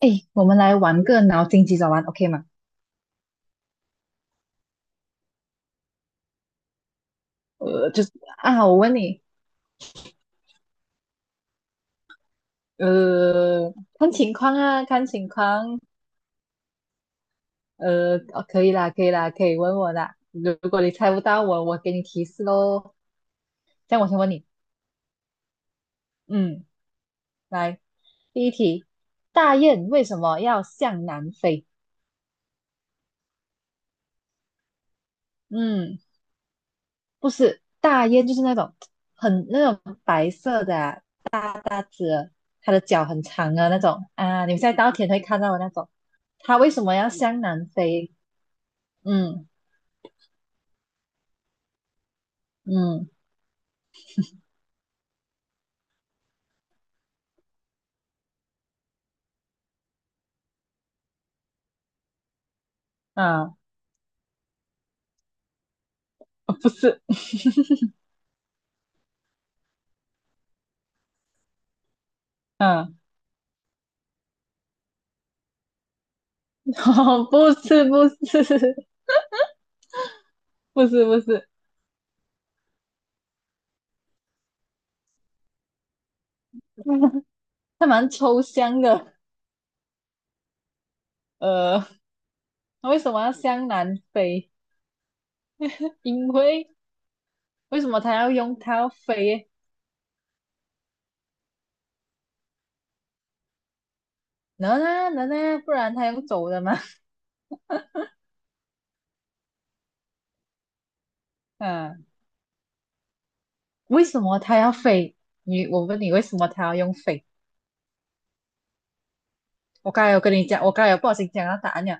哎，我们来玩个脑筋急转弯，OK 吗？就是啊，我问你，呃，看情况啊，看情况，哦可以啦，可以啦，可以问我啦。如果你猜不到我，我给你提示喽。这样我先问你，嗯，来，第一题，大雁为什么要向南飞？嗯。不是大雁，就是那种很那种白色的啊、大大只的它的脚很长的那种啊，你们在稻田会看到的那种。它为什么要向南飞？嗯嗯啊，不是，嗯，哦不是不是不是不是，它蛮抽象的。呃，它为什么要向南飞？因为为什么它要飞？能啊能啊，不然它用走的吗？嗯、为什么他要飞？我问你，为什么他要用飞？我刚才有跟你讲，我刚才有不小心讲到答案了。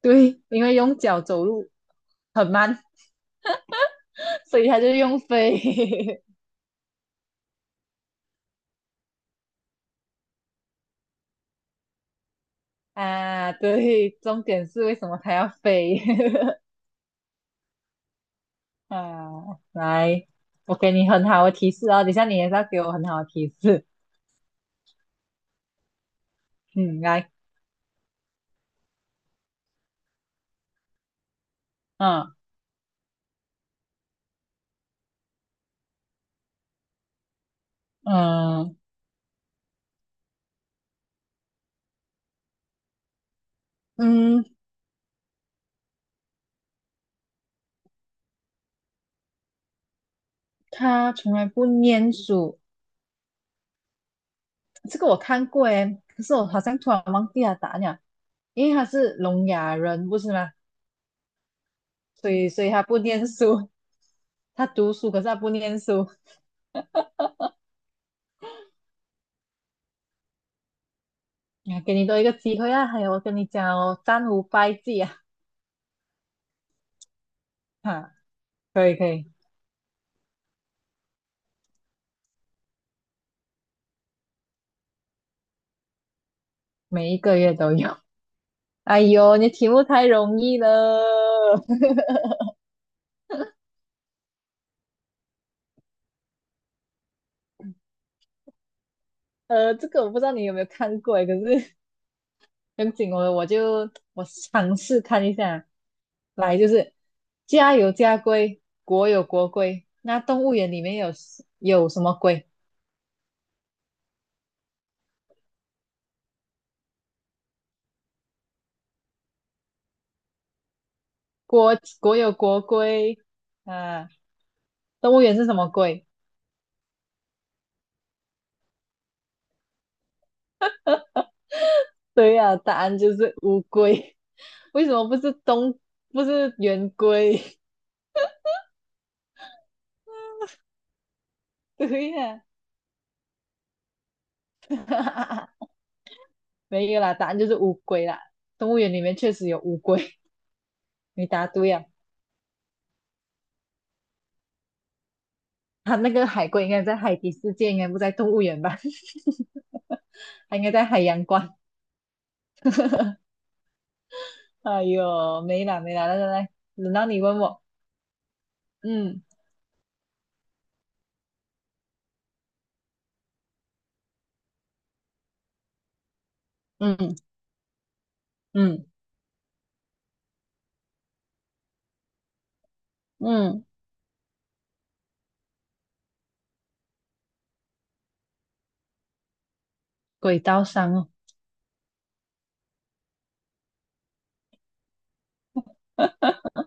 对，因为用脚走路很慢，所以他就用飞 啊。对，重点是为什么他要飞 啊？来，我给你很好的提示哦，等一下你也是要给我很好的提示。嗯，来，嗯嗯嗯，他从来不念书，这个我看过诶，可是我好像突然忘记了答案了。因为他是聋哑人，不是吗？所以 所以他不念书，他读书，可是他不念书。啊，给你多一个机会啊！还有，我跟你讲哦，三五败绩啊！哈，可以可以，每一个月都有。哎呦，你题目太容易了。呃，这个我不知道你有没有看过诶，可是很紧我就尝试看一下。来，就是家有家规，国有国规，那动物园里面有有什么规？国有国规，啊，动物园是什么龟？对呀、答案就是乌龟。为什么不是东，不是圆规？对呀、没有啦，答案就是乌龟啦。动物园里面确实有乌龟，你答对呀。它那个海龟应该在海底世界，应该不在动物园吧？它应该在海洋馆。哎呦，没啦没啦，来来来，轮到你问我。嗯嗯嗯嗯，轨道上哦。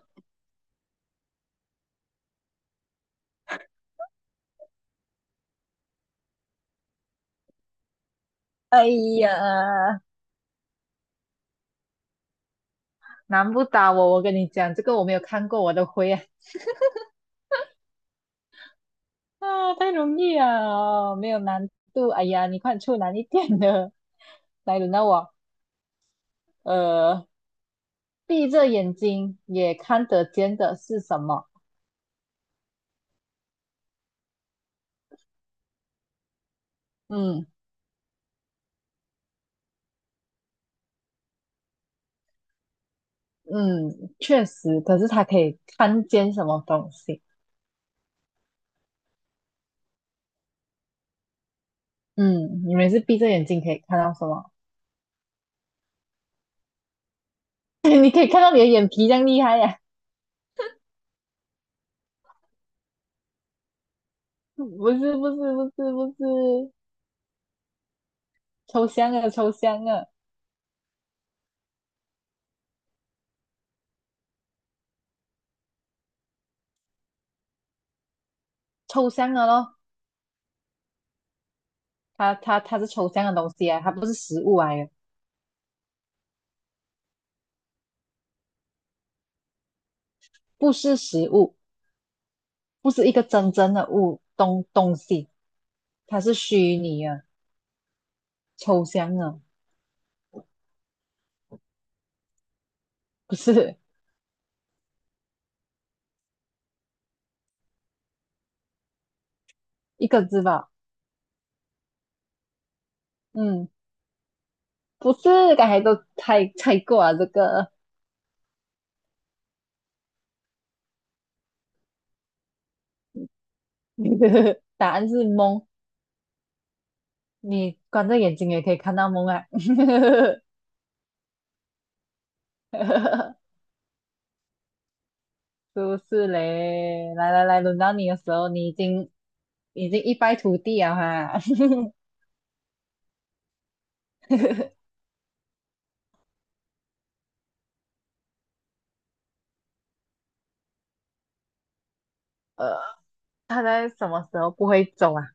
哎呀。难不倒我，我跟你讲，这个我没有看过，我都会啊，啊，太容易啊，没有难度，哎呀，你快出难一点的，来轮到我，呃，闭着眼睛也看得见的是什么？嗯嗯，确实，可是它可以看见什么东西？嗯，你们是闭着眼睛可以看到什么？你可以看到你的眼皮这样厉害呀、不是不是不是不是，抽象啊抽象啊抽象啊咯，它是抽象的东西啊，它不是实物来的，不是实物，不是一个真正的东西，它是虚拟的、抽象的，不是一个字吧？嗯，不是，刚才都猜过了这个 答案是梦，你关着眼睛也可以看到梦啊，是不是嘞？来来来，轮到你的时候，你已经已经一败涂地了哈。呃，他在什么时候不会走啊？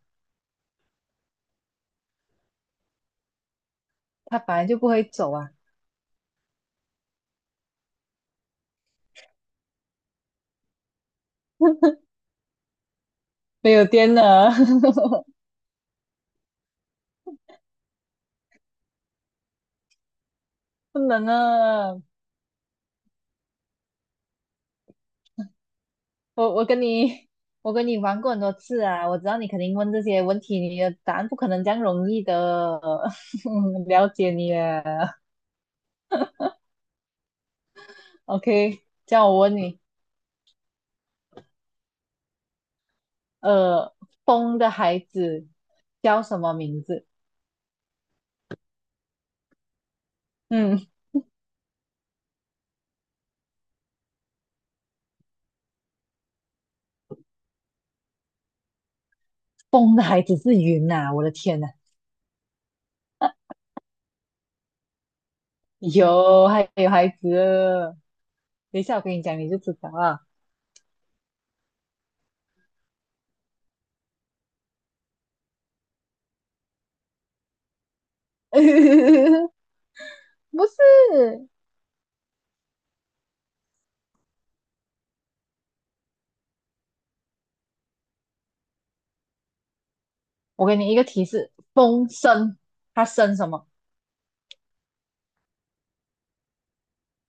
他本来就不会走啊，没有电了，不能了。我我跟你玩过很多次啊，我知道你肯定问这些问题，你的答案不可能这样容易的，嗯了解你了。OK，叫我问你，呃，风的孩子叫什么名字？嗯，风的孩子是云呐、我的天呐，有还有孩子了等一下我跟你讲你就知道啊，不是。我给你一个提示，风生，它生什么？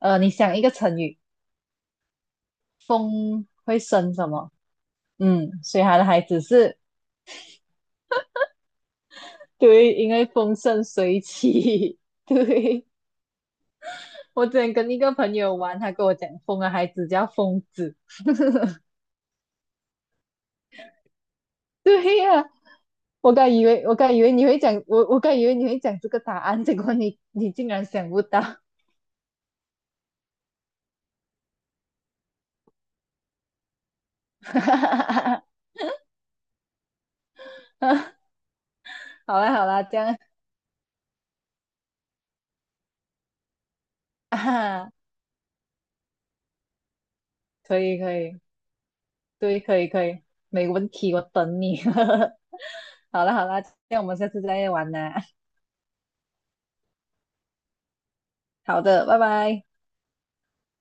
你想一个成语，风会生什么？嗯，所以它的孩子是，对，因为风生水起。对，我之前跟一个朋友玩，他跟我讲，风的孩子叫疯子。对呀、我刚以为你会讲，我刚以为你会讲这个答案，结果你竟然想不到。好啦好啦，这样 啊，可以可以。对，可以可以，没问题，我等你。好了好了，这样我们下次再玩啦。好的，拜拜。